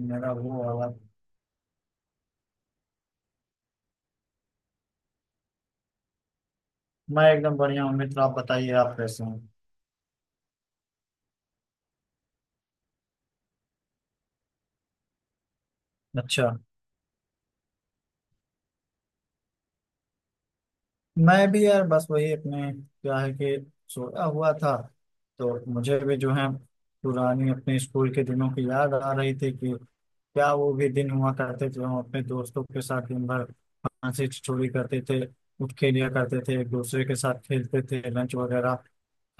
मेरा वो वाला। मैं एकदम बढ़िया हूँ मित्र, आप बताइए आप कैसे हैं। अच्छा। मैं भी यार बस वही अपने क्या है कि सोया हुआ था। तो मुझे भी जो है पुरानी अपने स्कूल के दिनों की याद आ रही थी कि क्या वो भी दिन हुआ करते थे। हम अपने दोस्तों के साथ दिन भर हंसी ठिठोली करते थे, उठ खेलिया करते थे, एक दूसरे के साथ खेलते थे, लंच वगैरह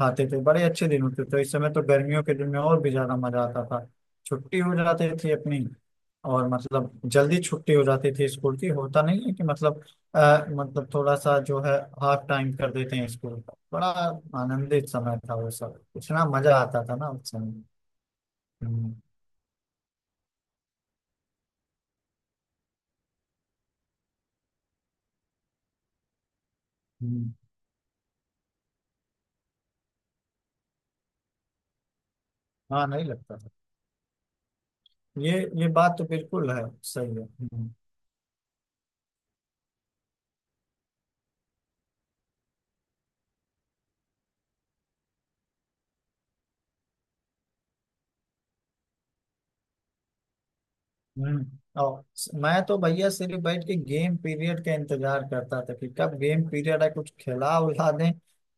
खाते थे। बड़े अच्छे दिन होते थे। तो इस समय तो गर्मियों के दिन में और भी ज्यादा मजा आता था। छुट्टी हो जाती थी अपनी, और मतलब जल्दी छुट्टी हो जाती थी स्कूल की। होता नहीं है कि मतलब मतलब थोड़ा सा जो है हाफ टाइम कर देते हैं इसको। बड़ा आनंदित समय था वो। सब इतना मजा आता था ना उस समय। हम्म। हम्म। हाँ नहीं लगता था। ये ये बात तो बिल्कुल है, सही है। हम्म। हम्म। और मैं तो भैया सिर्फ बैठ के गेम पीरियड का इंतजार करता था कि कब गेम पीरियड है, कुछ खिला उला दें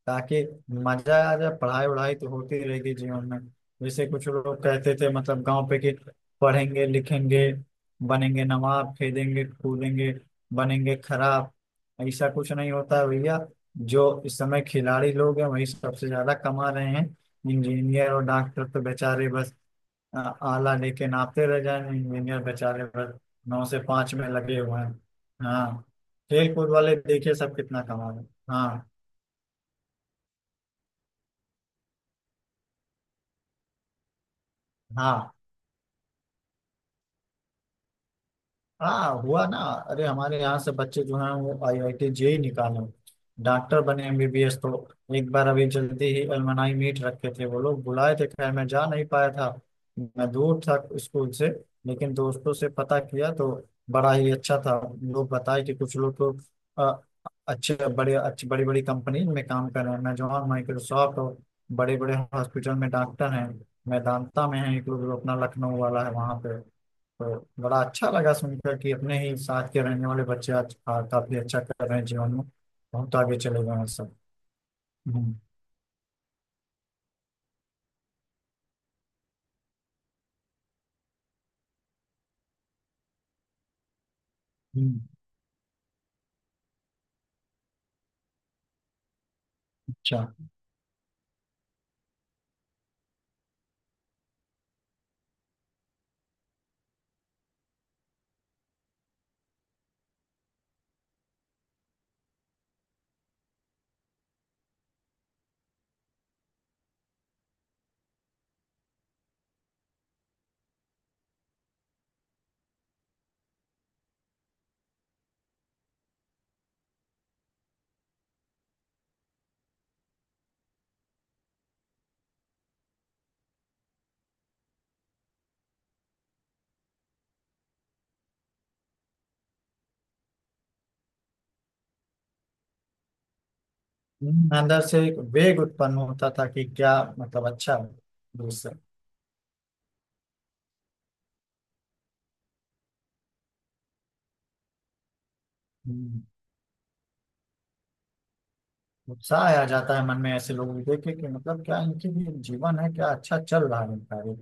ताकि मजा आ जाए। पढ़ाई वढ़ाई तो होती रहेगी जीवन में। जैसे कुछ लोग कहते थे मतलब गांव पे कि पढ़ेंगे लिखेंगे बनेंगे नवाब, खेलेंगे कूदेंगे बनेंगे खराब। ऐसा कुछ नहीं होता है भैया। जो इस समय खिलाड़ी लोग हैं वही सबसे ज्यादा कमा रहे हैं। इंजीनियर और डॉक्टर तो बेचारे बस आ- आला लेके नापते रह जाएं। इंजीनियर बेचारे बस नौ से पांच में लगे हुए हैं। हाँ। खेल कूद वाले देखिए सब कितना कमा रहे हैं। हाँ। हाँ, हाँ हुआ ना। अरे हमारे यहाँ से बच्चे जो हैं वो आईआईटी जेई निकाले, डॉक्टर बने एमबीबीएस। तो एक बार अभी जल्दी ही अलमनाई मीट रखे थे, वो लोग बुलाए थे, खैर मैं जा नहीं पाया था। मैं दूर था स्कूल से। लेकिन दोस्तों से पता किया तो बड़ा ही अच्छा था। लोग बताए कि कुछ लोग तो अ, अच्छे बड़े, अच्छी बड़ी बड़ी कंपनी में काम कर रहे हैं। मैं जॉन माइक्रोसॉफ्ट और बड़े बड़े हॉस्पिटल में डॉक्टर हैं। मैं दांता में है एक लोग जो अपना लखनऊ वाला है वहाँ पे। तो बड़ा अच्छा लगा सुनकर कि अपने ही साथ के रहने वाले बच्चे आज काफी अच्छा कर रहे हैं जीवन में। बहुत आगे चले गए हैं सब। हम्म। हम्म। अच्छा। अंदर से एक वेग उत्पन्न होता था कि क्या मतलब अच्छा है। दूसरा। हम्म, उत्साह आ जाता है मन में ऐसे लोगों को देखे कि मतलब क्या इनकी भी जीवन है, क्या अच्छा चल रहा है इनका भी।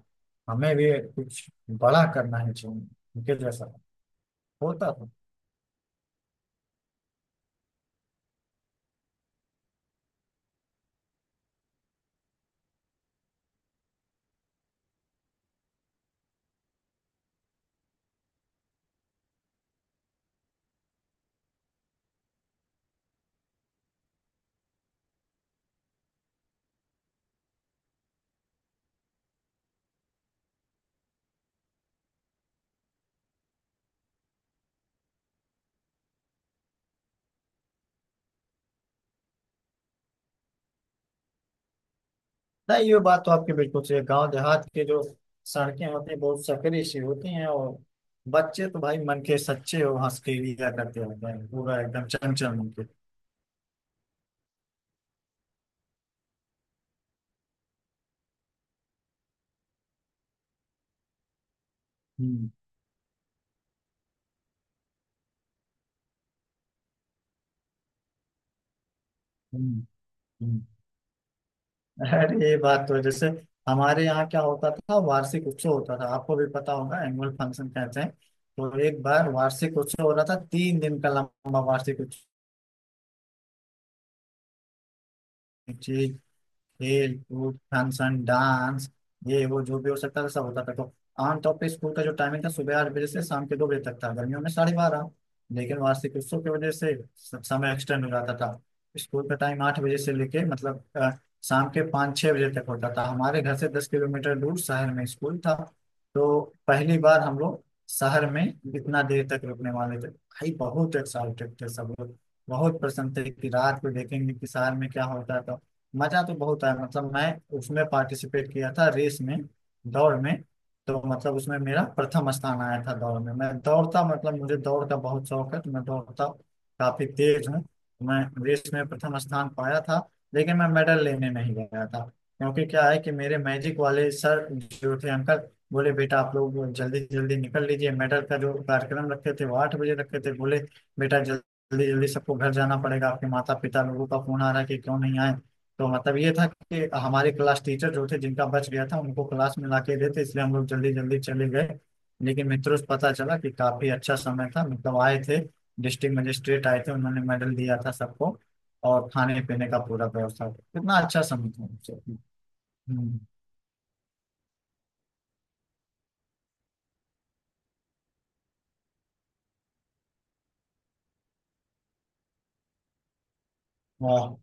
हमें भी कुछ बड़ा करना है जीवन में, इनके जैसा होता था। नहीं, ये बात तो आपकी बिल्कुल सही है। गांव देहात के जो सड़कें होती हैं बहुत सकरी सी होती हैं। और बच्चे तो भाई मन के सच्चे, और हंस के लिया करते होते हैं, पूरा एकदम चंचल मन के। हम्म। हम्म। हम्म। अरे ये बात तो है। जैसे हमारे यहाँ क्या होता था, वार्षिक उत्सव होता था। आपको भी पता होगा, एनुअल फंक्शन कहते हैं। तो एक बार वार्षिक उत्सव हो रहा था, तीन दिन का लंबा वार्षिक उत्सव, खेल कूद फंक्शन डांस, ये वो जो भी हो सकता था सब होता था। तो आमतौर पर स्कूल का जो टाइमिंग था सुबह आठ बजे से शाम के दो बजे तक था, गर्मियों में साढ़े बारह। लेकिन वार्षिक उत्सव की वजह से समय एक्सटेंड हो जाता था। स्कूल का टाइम आठ बजे से लेके मतलब शाम के पाँच छः बजे तक होता था। हमारे घर से दस किलोमीटर दूर शहर में स्कूल था। तो पहली बार हम लोग शहर में इतना देर तक रुकने वाले थे, भाई बहुत एक्साइटेड थे सब लोग। बहुत पसंद थे कि रात को देखेंगे कि शहर में क्या होता है। तो मजा तो बहुत आया, मतलब मैं उसमें पार्टिसिपेट किया था रेस में, दौड़ में। तो मतलब उसमें मेरा प्रथम स्थान आया था दौड़ में। मैं दौड़ता मतलब मुझे दौड़ का बहुत शौक है, तो मैं दौड़ता काफी तेज हूँ मैं। रेस में प्रथम स्थान पाया था, लेकिन मैं मेडल लेने नहीं गया था। क्योंकि क्या है कि मेरे मैजिक वाले सर जो थे अंकल, बोले बेटा आप लोग जल्दी जल्दी निकल लीजिए। मेडल का जो कार्यक्रम रखे थे वो आठ बजे रखे थे। बोले बेटा जल्दी जल्दी सबको घर जाना पड़ेगा, आपके माता पिता लोगों का फोन आ रहा है कि क्यों नहीं आए। तो मतलब ये था कि हमारे क्लास टीचर जो थे जिनका बच गया था उनको क्लास में ला के देते, इसलिए हम लोग जल्दी जल्दी चले गए। लेकिन मित्रों से पता चला कि काफी अच्छा समय था, मतलब आए थे डिस्ट्रिक्ट मजिस्ट्रेट आए थे, उन्होंने मेडल दिया था सबको। और खाने पीने का पूरा व्यवस्था, कितना अच्छा समय था उनसे। हम्म। वाह।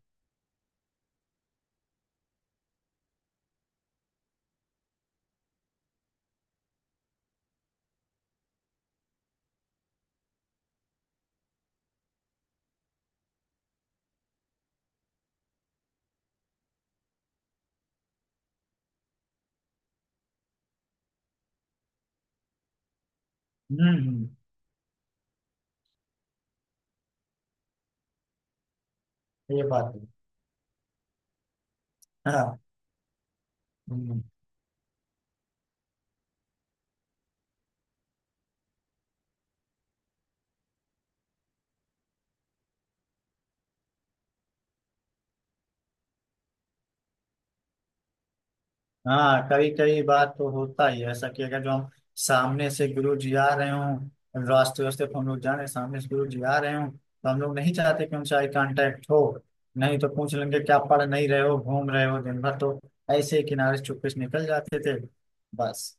हम्म। ये बात है। हाँ। हम्म। हाँ, कई कई बार तो होता ही है ऐसा, कि अगर जो हम सामने से गुरु जी आ रहे हों, रास्ते वास्ते पर हम लोग जा रहे हैं सामने से गुरु जी आ रहे हों, तो हम लोग नहीं चाहते कि उनसे आई कांटेक्ट हो। नहीं तो पूछ लेंगे क्या पढ़ नहीं रहे हो, घूम रहे हो दिन भर। तो ऐसे ही किनारे से चुपके से निकल जाते थे बस।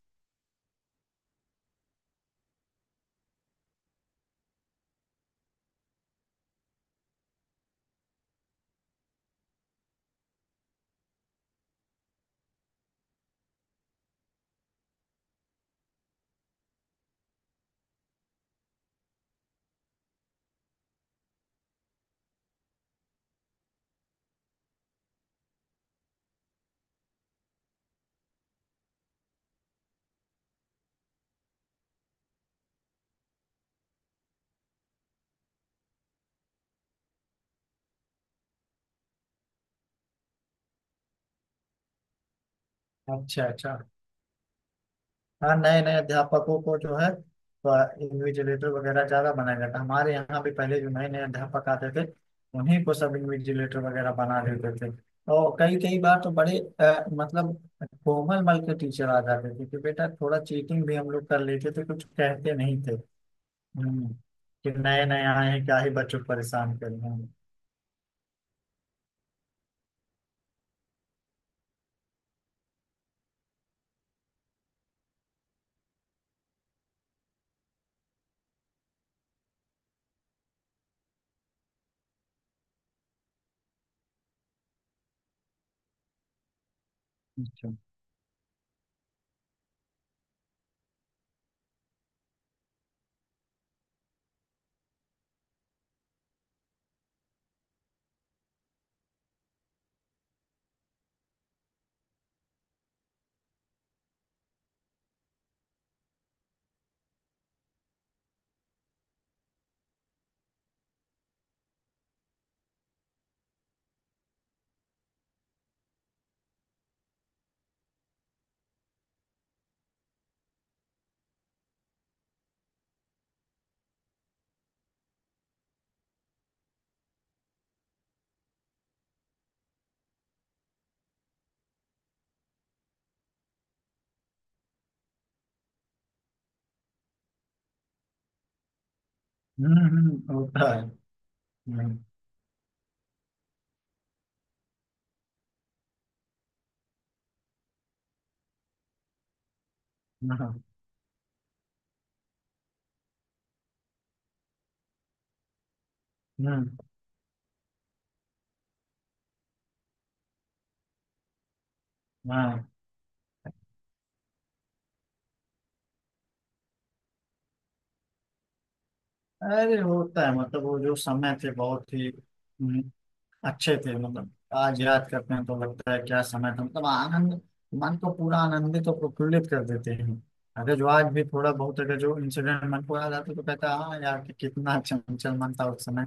अच्छा, अच्छा। हाँ, नए नए अध्यापकों को जो है इन्विजिलेटर वगैरह ज्यादा बनाया जाता है। हमारे यहाँ भी पहले जो नए नए अध्यापक आते थे उन्हीं को सब इन्विजिलेटर वगैरह बना देते थे। और कई कई बार तो बड़े मतलब कोमल मल के टीचर आ जाते थे कि बेटा थोड़ा चीटिंग भी हम लोग कर लेते थे, कुछ कहते नहीं थे। हम्म। कि नए नए आए हैं क्या ही बच्चों को परेशान कर रहे हैं। अच्छा। हम्म। हम्म, होता है। हम्म। हाँ। हम्म। हाँ। अरे होता है, मतलब वो जो समय थे बहुत ही अच्छे थे। मतलब आज याद करते हैं तो लगता है क्या समय था, मतलब आनंद, मन को पूरा आनंदित और प्रफुल्लित कर देते हैं। अगर जो आज भी थोड़ा बहुत अगर जो इंसिडेंट मन को याद आता है, तो कहता है हाँ यार कि कितना चंचल मन था उस समय,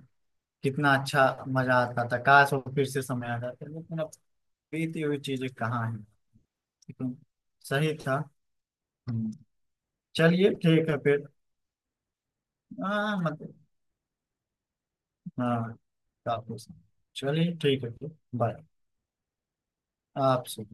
कितना अच्छा मजा आता था। काश वो फिर से समय आ जाता, लेकिन अब बीती हुई चीजें कहाँ है। लेकिन सही था। हम्म, चलिए ठीक है फिर। हाँ मतलब हाँ, काफी समय। चलिए ठीक है फिर। बाय। आपसे।